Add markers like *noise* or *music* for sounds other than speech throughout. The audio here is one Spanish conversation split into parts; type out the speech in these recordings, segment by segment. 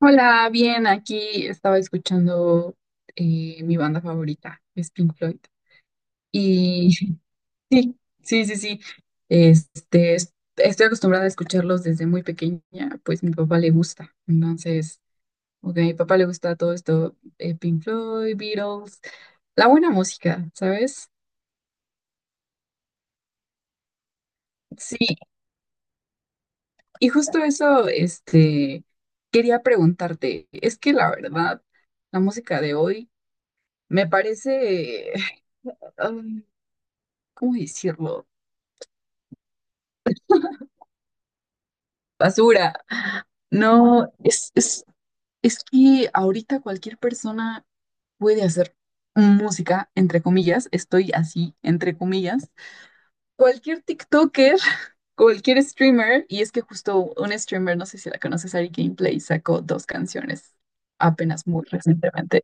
Hola, bien, aquí estaba escuchando mi banda favorita, es Pink Floyd. Y *laughs* sí, sí, sí, sí. Este, estoy acostumbrada a escucharlos desde muy pequeña, pues mi papá le gusta. Entonces, ok, a mi papá le gusta todo esto, Pink Floyd, Beatles, la buena música, ¿sabes? Sí, y justo eso, este, quería preguntarte, es que la verdad, la música de hoy me parece... *laughs* ¿cómo decirlo? Basura. No, es que ahorita cualquier persona puede hacer música, entre comillas, estoy así, entre comillas. Cualquier TikToker, *laughs* cualquier streamer, y es que justo un streamer, no sé si la conoces, Ari Gameplay, sacó dos canciones apenas muy recientemente.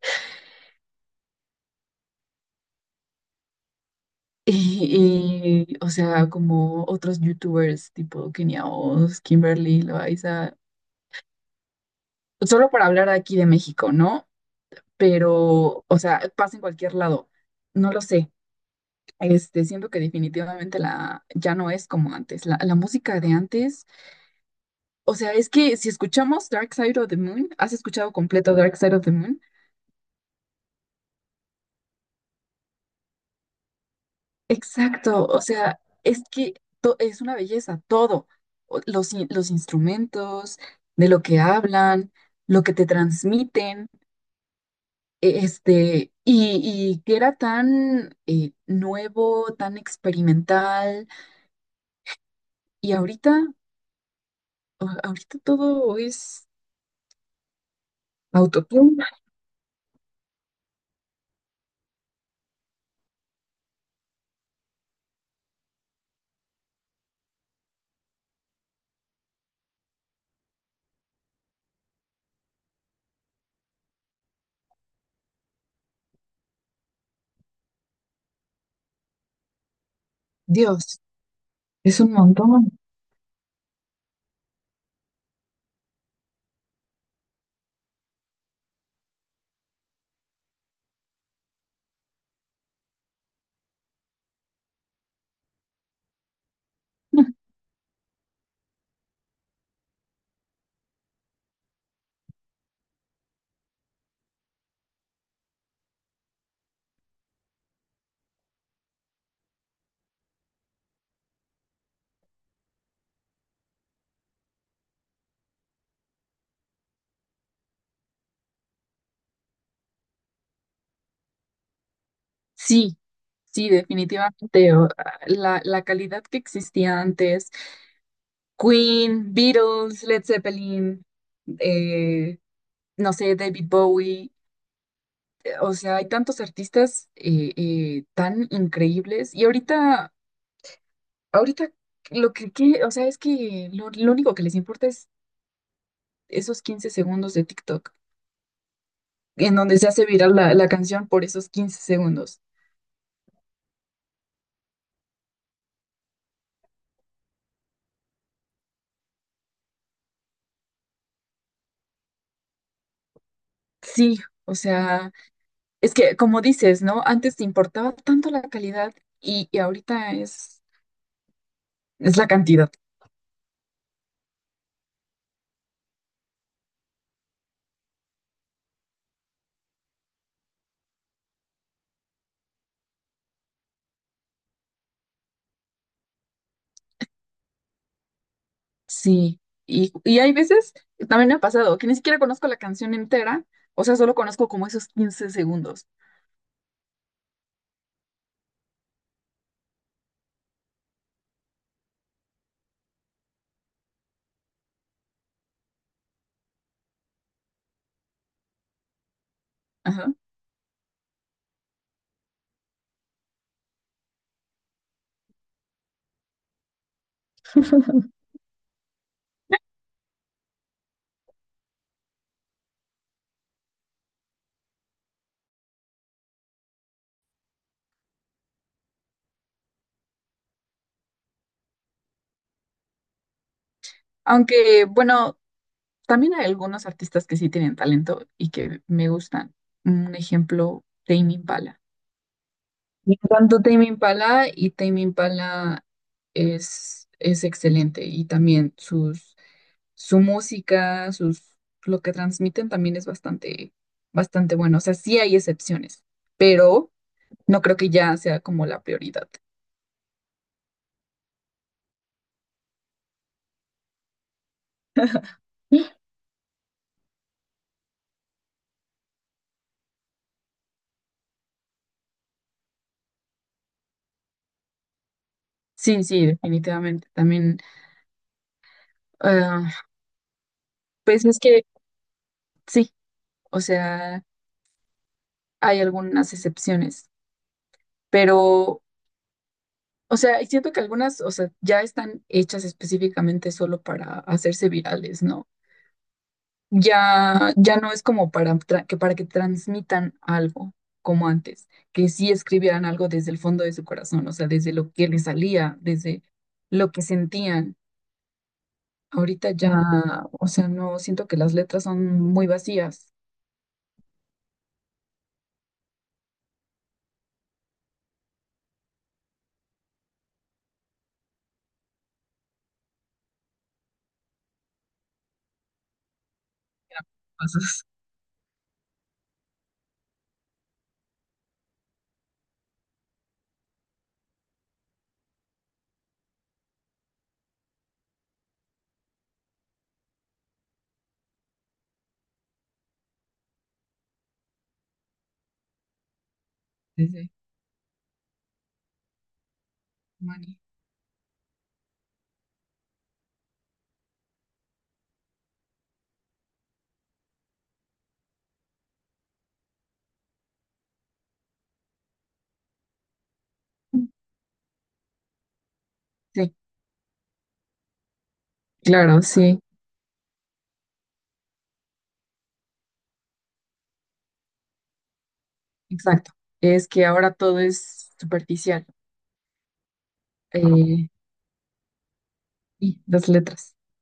O sea, como otros youtubers tipo Kenia Os, Kimberly, Loaiza, solo para hablar aquí de México, ¿no?, pero, o sea, pasa en cualquier lado. No lo sé. Este, siento que definitivamente la, ya no es como antes. La música de antes, o sea, es que si escuchamos Dark Side of the Moon, ¿has escuchado completo Dark Side of the Moon? Exacto, o sea, es que es una belleza, todo. Los instrumentos, de lo que hablan, lo que te transmiten, este, y que era tan nuevo, tan experimental. Y ahorita todo es autotune. Dios, es un montón. *laughs* Sí, sí, definitivamente. La calidad que existía antes, Queen, Beatles, Led Zeppelin, eh, no sé, David Bowie, o sea, hay tantos artistas tan increíbles y ahorita lo o sea, es que lo único que les importa es esos 15 segundos de TikTok, en donde se hace viral la canción por esos 15 segundos. Sí, o sea, es que como dices, ¿no? Antes te importaba tanto la calidad y ahorita es la cantidad. Sí, y hay veces, también me ha pasado, que ni siquiera conozco la canción entera, o sea, solo conozco como esos 15 segundos. Ajá. Aunque, bueno, también hay algunos artistas que sí tienen talento y que me gustan. Un ejemplo, Tame Impala. Me encanta Tame Impala y Tame Impala es excelente y también sus su música, sus, lo que transmiten también es bastante, bastante bueno. O sea, sí hay excepciones, pero no creo que ya sea como la prioridad. Sí, sí, definitivamente. También, ah, pues es que sí, o sea, hay algunas excepciones, pero, o sea, y siento que algunas, o sea, ya están hechas específicamente solo para hacerse virales, ¿no? Ya, ya no es como para, que, para que transmitan algo como antes, que sí escribieran algo desde el fondo de su corazón, o sea, desde lo que les salía, desde lo que sentían. Ahorita ya, o sea, no siento que las letras son muy vacías. Cosas *laughs* desde Mani. Sí, claro, sí, exacto. Es que ahora todo es superficial. eh, y las letras. *laughs*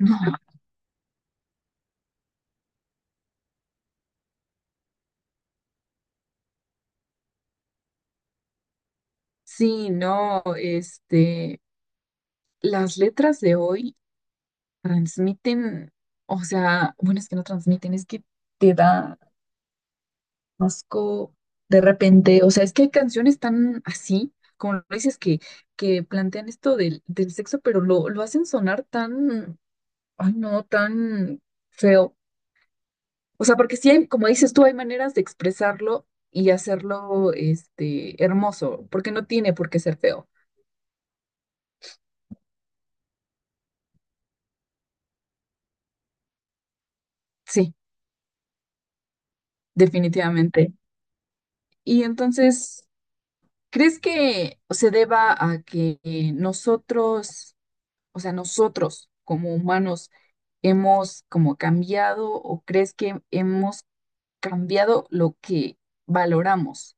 No. Sí, no, este, las letras de hoy transmiten, o sea, bueno, es que no transmiten, es que te da asco de repente, o sea, es que hay canciones tan así, como lo dices, que plantean esto del sexo, pero lo hacen sonar tan, ay no, tan feo. O sea, porque sí hay, como dices tú, hay maneras de expresarlo y hacerlo, este, hermoso, porque no tiene por qué ser feo. Sí, definitivamente. Y entonces. ¿Crees que se deba a que nosotros, o sea, nosotros como humanos hemos como cambiado o crees que hemos cambiado lo que valoramos?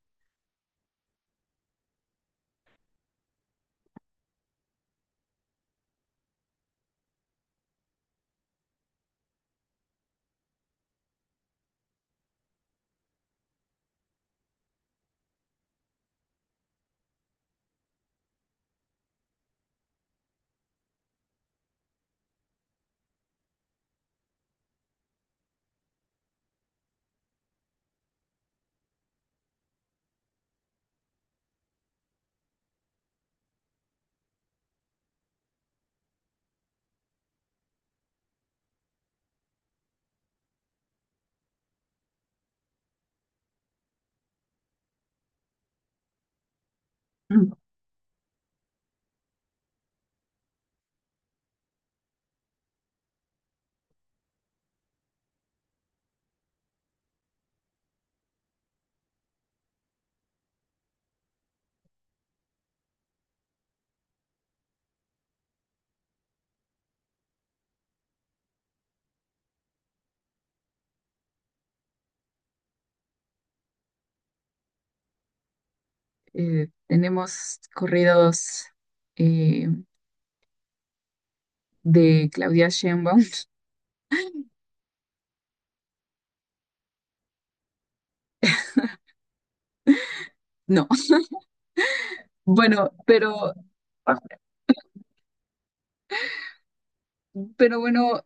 Mm. Tenemos corridos eh, de Claudia Sheinbaum. *laughs* No, bueno, pero bueno,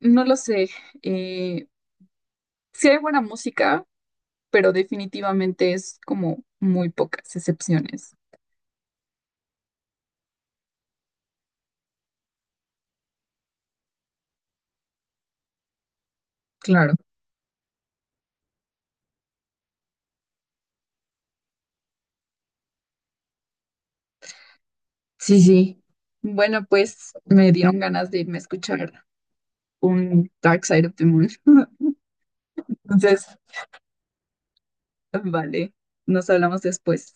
no lo sé. Eh, sí hay buena música, pero definitivamente es como muy pocas excepciones. Claro. Sí, sí. Bueno, pues me dieron ganas de irme a escuchar un Dark Side of the Moon. *laughs* Entonces, vale, nos hablamos después.